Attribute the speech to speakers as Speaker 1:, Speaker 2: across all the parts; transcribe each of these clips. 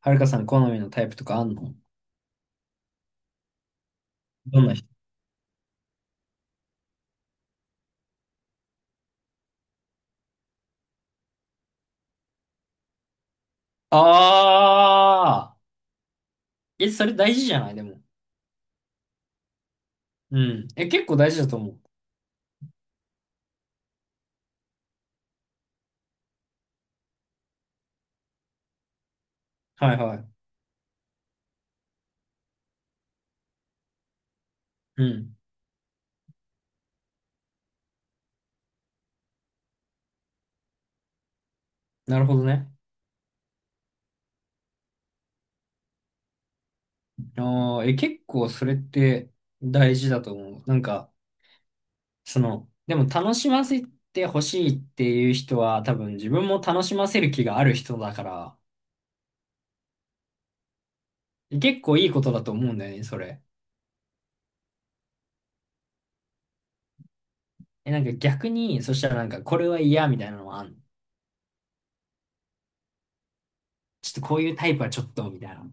Speaker 1: はるかさん好みのタイプとかあんの？どんな人？ああー、え、それ大事じゃない、でも。うん。え、結構大事だと思う。はいはい。うん。なるほどね。ああ、え、結構それって大事だと思う。なんか、でも楽しませてほしいっていう人は多分自分も楽しませる気がある人だから、え結構いいことだと思うんだよね、それ。え、なんか逆に、そしたらなんかこれは嫌みたいなのはあんの？ちょっとこういうタイプはちょっとみたいな。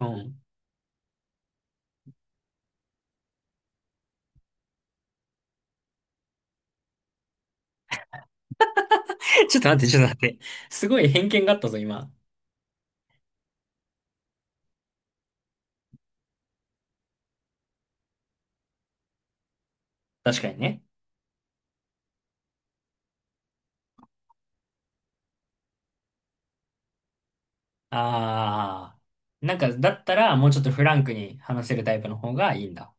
Speaker 1: うん。ちょっと待って、ちょっと待って。すごい偏見があったぞ、今。確かにね。ああ。なんか、だったら、もうちょっとフランクに話せるタイプの方がいいんだ。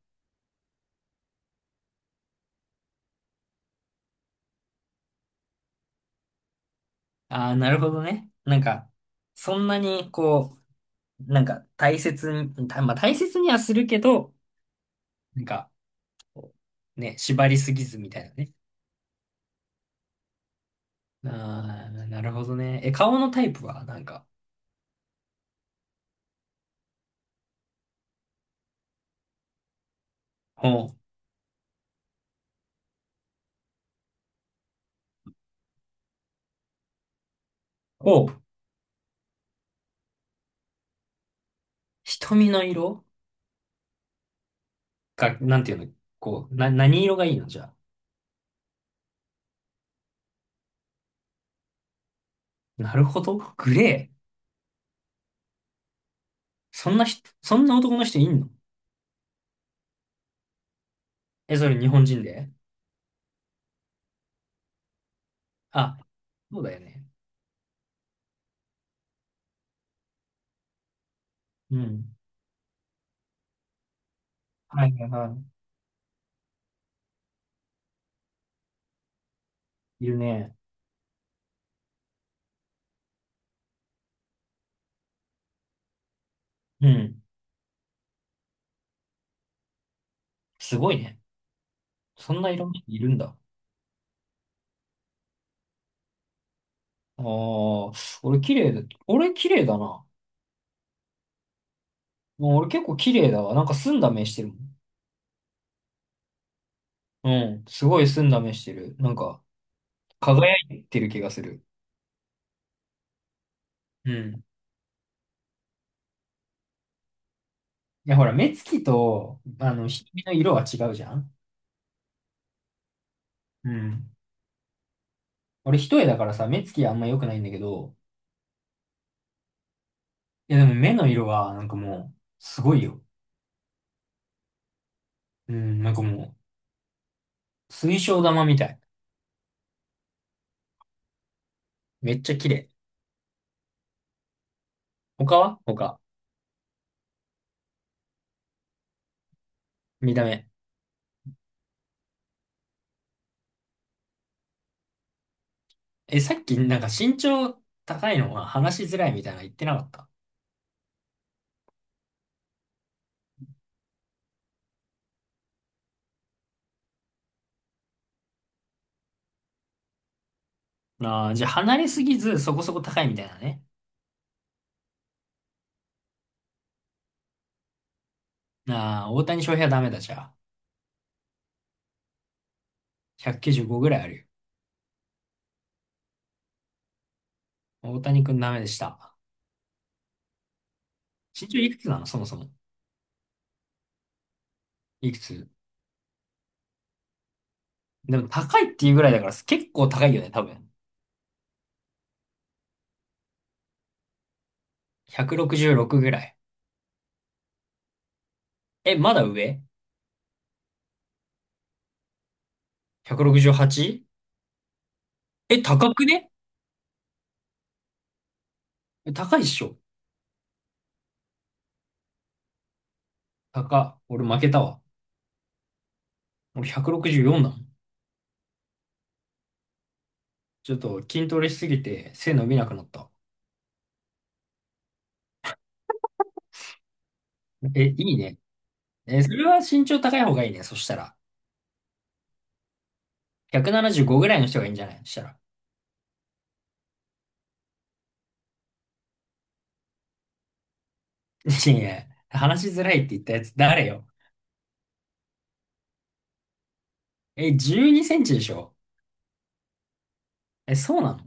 Speaker 1: ああ、なるほどね。なんか、そんなに、こう、なんか、大切に、まあ、大切にはするけど、なんか、こうね、縛りすぎずみたいなね。ああ、なるほどね。え、顔のタイプは、なんか、ほう、おう、瞳の色が、なんていうの、こう、何色がいいのじゃあ？なるほど。グレー。そんな人、そんな男の人いんの？え、それ日本人で？あ、そうだよね。うん。はいはいはい。いるね。うん。すごいね。そんないろんな人いるんだ。ああ、俺綺麗だ。俺綺麗だな。もう俺結構綺麗だわ。なんか澄んだ目してるもん。うん。すごい澄んだ目してる。なんか、輝いてる気がする。うん。いや、ほら、目つきと、瞳の色は違うじゃん。うん。俺一重だからさ、目つきあんま良くないんだけど、いやでも目の色はなんかもう、すごいよ。うん、なんかもう、水晶玉みたい。めっちゃ綺麗。他は他。見た目。え、さっきなんか身長高いのは話しづらいみたいなの言ってなかった？ああー、じゃあ離れすぎずそこそこ高いみたいなね。ああ、大谷翔平はダメだじゃあ。195ぐらいあるよ。大谷くんダメでした。身長いくつなのそもそも？いくつ？でも高いっていうぐらいだから結構高いよね、多分。166ぐらい。え、まだ上 ?168? え、高くね？え、高いっしょ。高。俺負けたわ。俺164だもん。ちょっと筋トレしすぎて背伸びなくなった。え、いいね。え、それは身長高い方がいいね。そしたら。175ぐらいの人がいいんじゃない？そしたら。いやい話しづらいって言ったやつ誰よ。え、12センチでしょ？え、そうなの？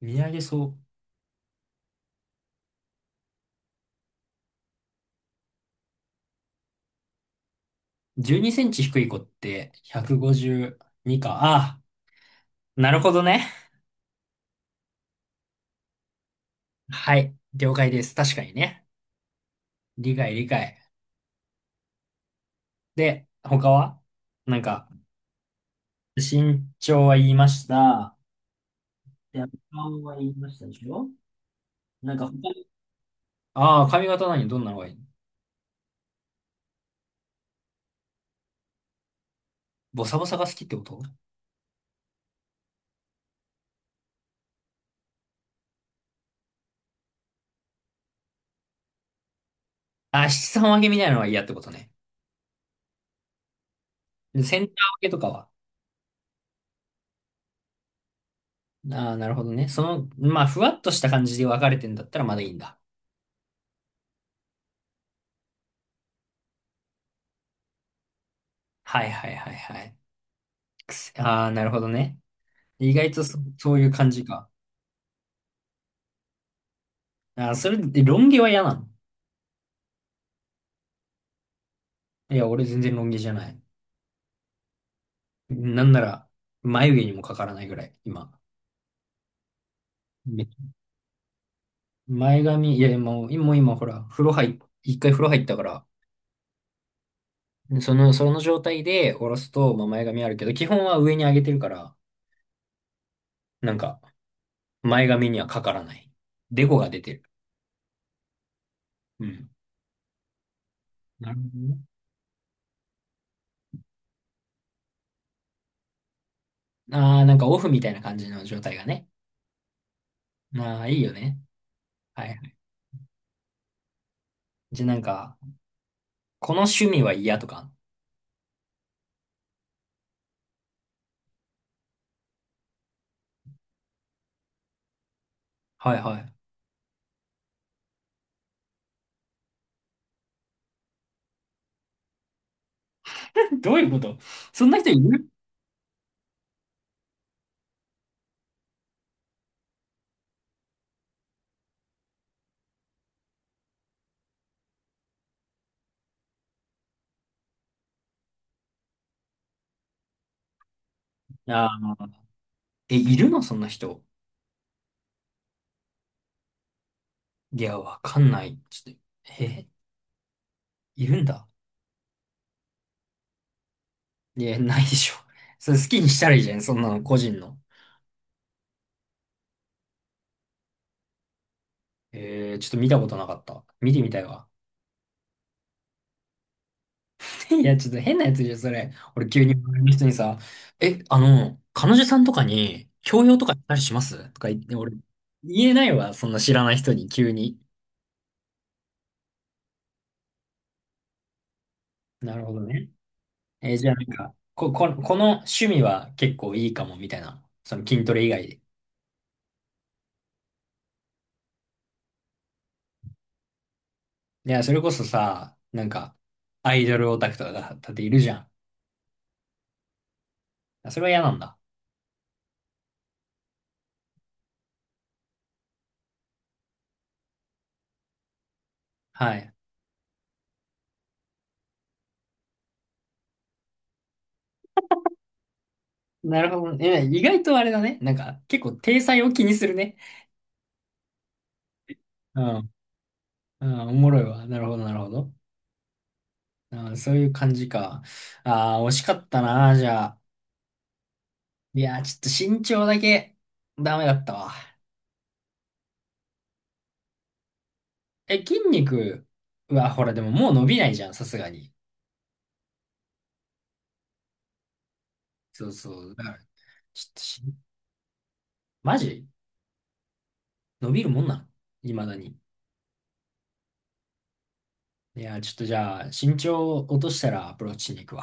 Speaker 1: 見上げそう。12センチ低い子って152か。ああ、なるほどね。はい。了解です。確かにね。理解理解。で、他は？なんか、身長は言いました。で、顔は言いましたでしょ？なんか他に、ああ、髪型、どんなのがいいの？ボサボサが好きってこと？あ、七三分けみたいなのは嫌ってことね。でセンター分けとかは？ああ、なるほどね。まあ、ふわっとした感じで分かれてんだったらまだいいんだ。はいはいはいはい。ああ、なるほどね。意外とそういう感じか。ああ、それで、ロン毛は嫌なの？いや、俺全然ロン毛じゃない。なんなら、眉毛にもかからないぐらい、今。前髪、いや、もう今、ほら、風呂入っ、一回風呂入ったから、その状態で下ろすと、まあ、前髪あるけど、基本は上に上げてるから、なんか、前髪にはかからない。デコが出てる。うん。なるほどね。ああ、なんかオフみたいな感じの状態がね。ああ、いいよね。はいはい。じゃあなんか、この趣味は嫌とか？はいはい。どういうこと？そんな人いる？ああー、え、いるの？そんな人。いや、わかんない。ちょっと、え、いるんだ。いや、ないでしょ。それ好きにしたらいいじゃん、そんなの、個人の。ちょっと見たことなかった。見てみたいわ。いや、ちょっと変なやつじゃん、それ。俺急に周りの人にさ、え、彼女さんとかに、強要とかしたりしますとか言って、俺、言えないわ、そんな知らない人に、急に。なるほどね。じゃあなんか、この趣味は結構いいかも、みたいな。その筋トレ以外で。いや、それこそさ、なんか、アイドルオタクとかだだっているじゃん。あそれは嫌なんだ。はい。なるほどね。意外とあれだね。なんか、結構、体裁を気にするね。うん。うん、おもろいわ。なるほど、なるほど。うん、そういう感じか。ああ、惜しかったな、じゃあ。いやー、ちょっと身長だけ、ダメだったわ。え、筋肉は、ほら、でももう伸びないじゃん、さすがに。そうそう。だから、ちょっとし、マジ伸びるもんなの？未だに。いやー、ちょっとじゃあ、身長落としたらアプローチしに行くわ。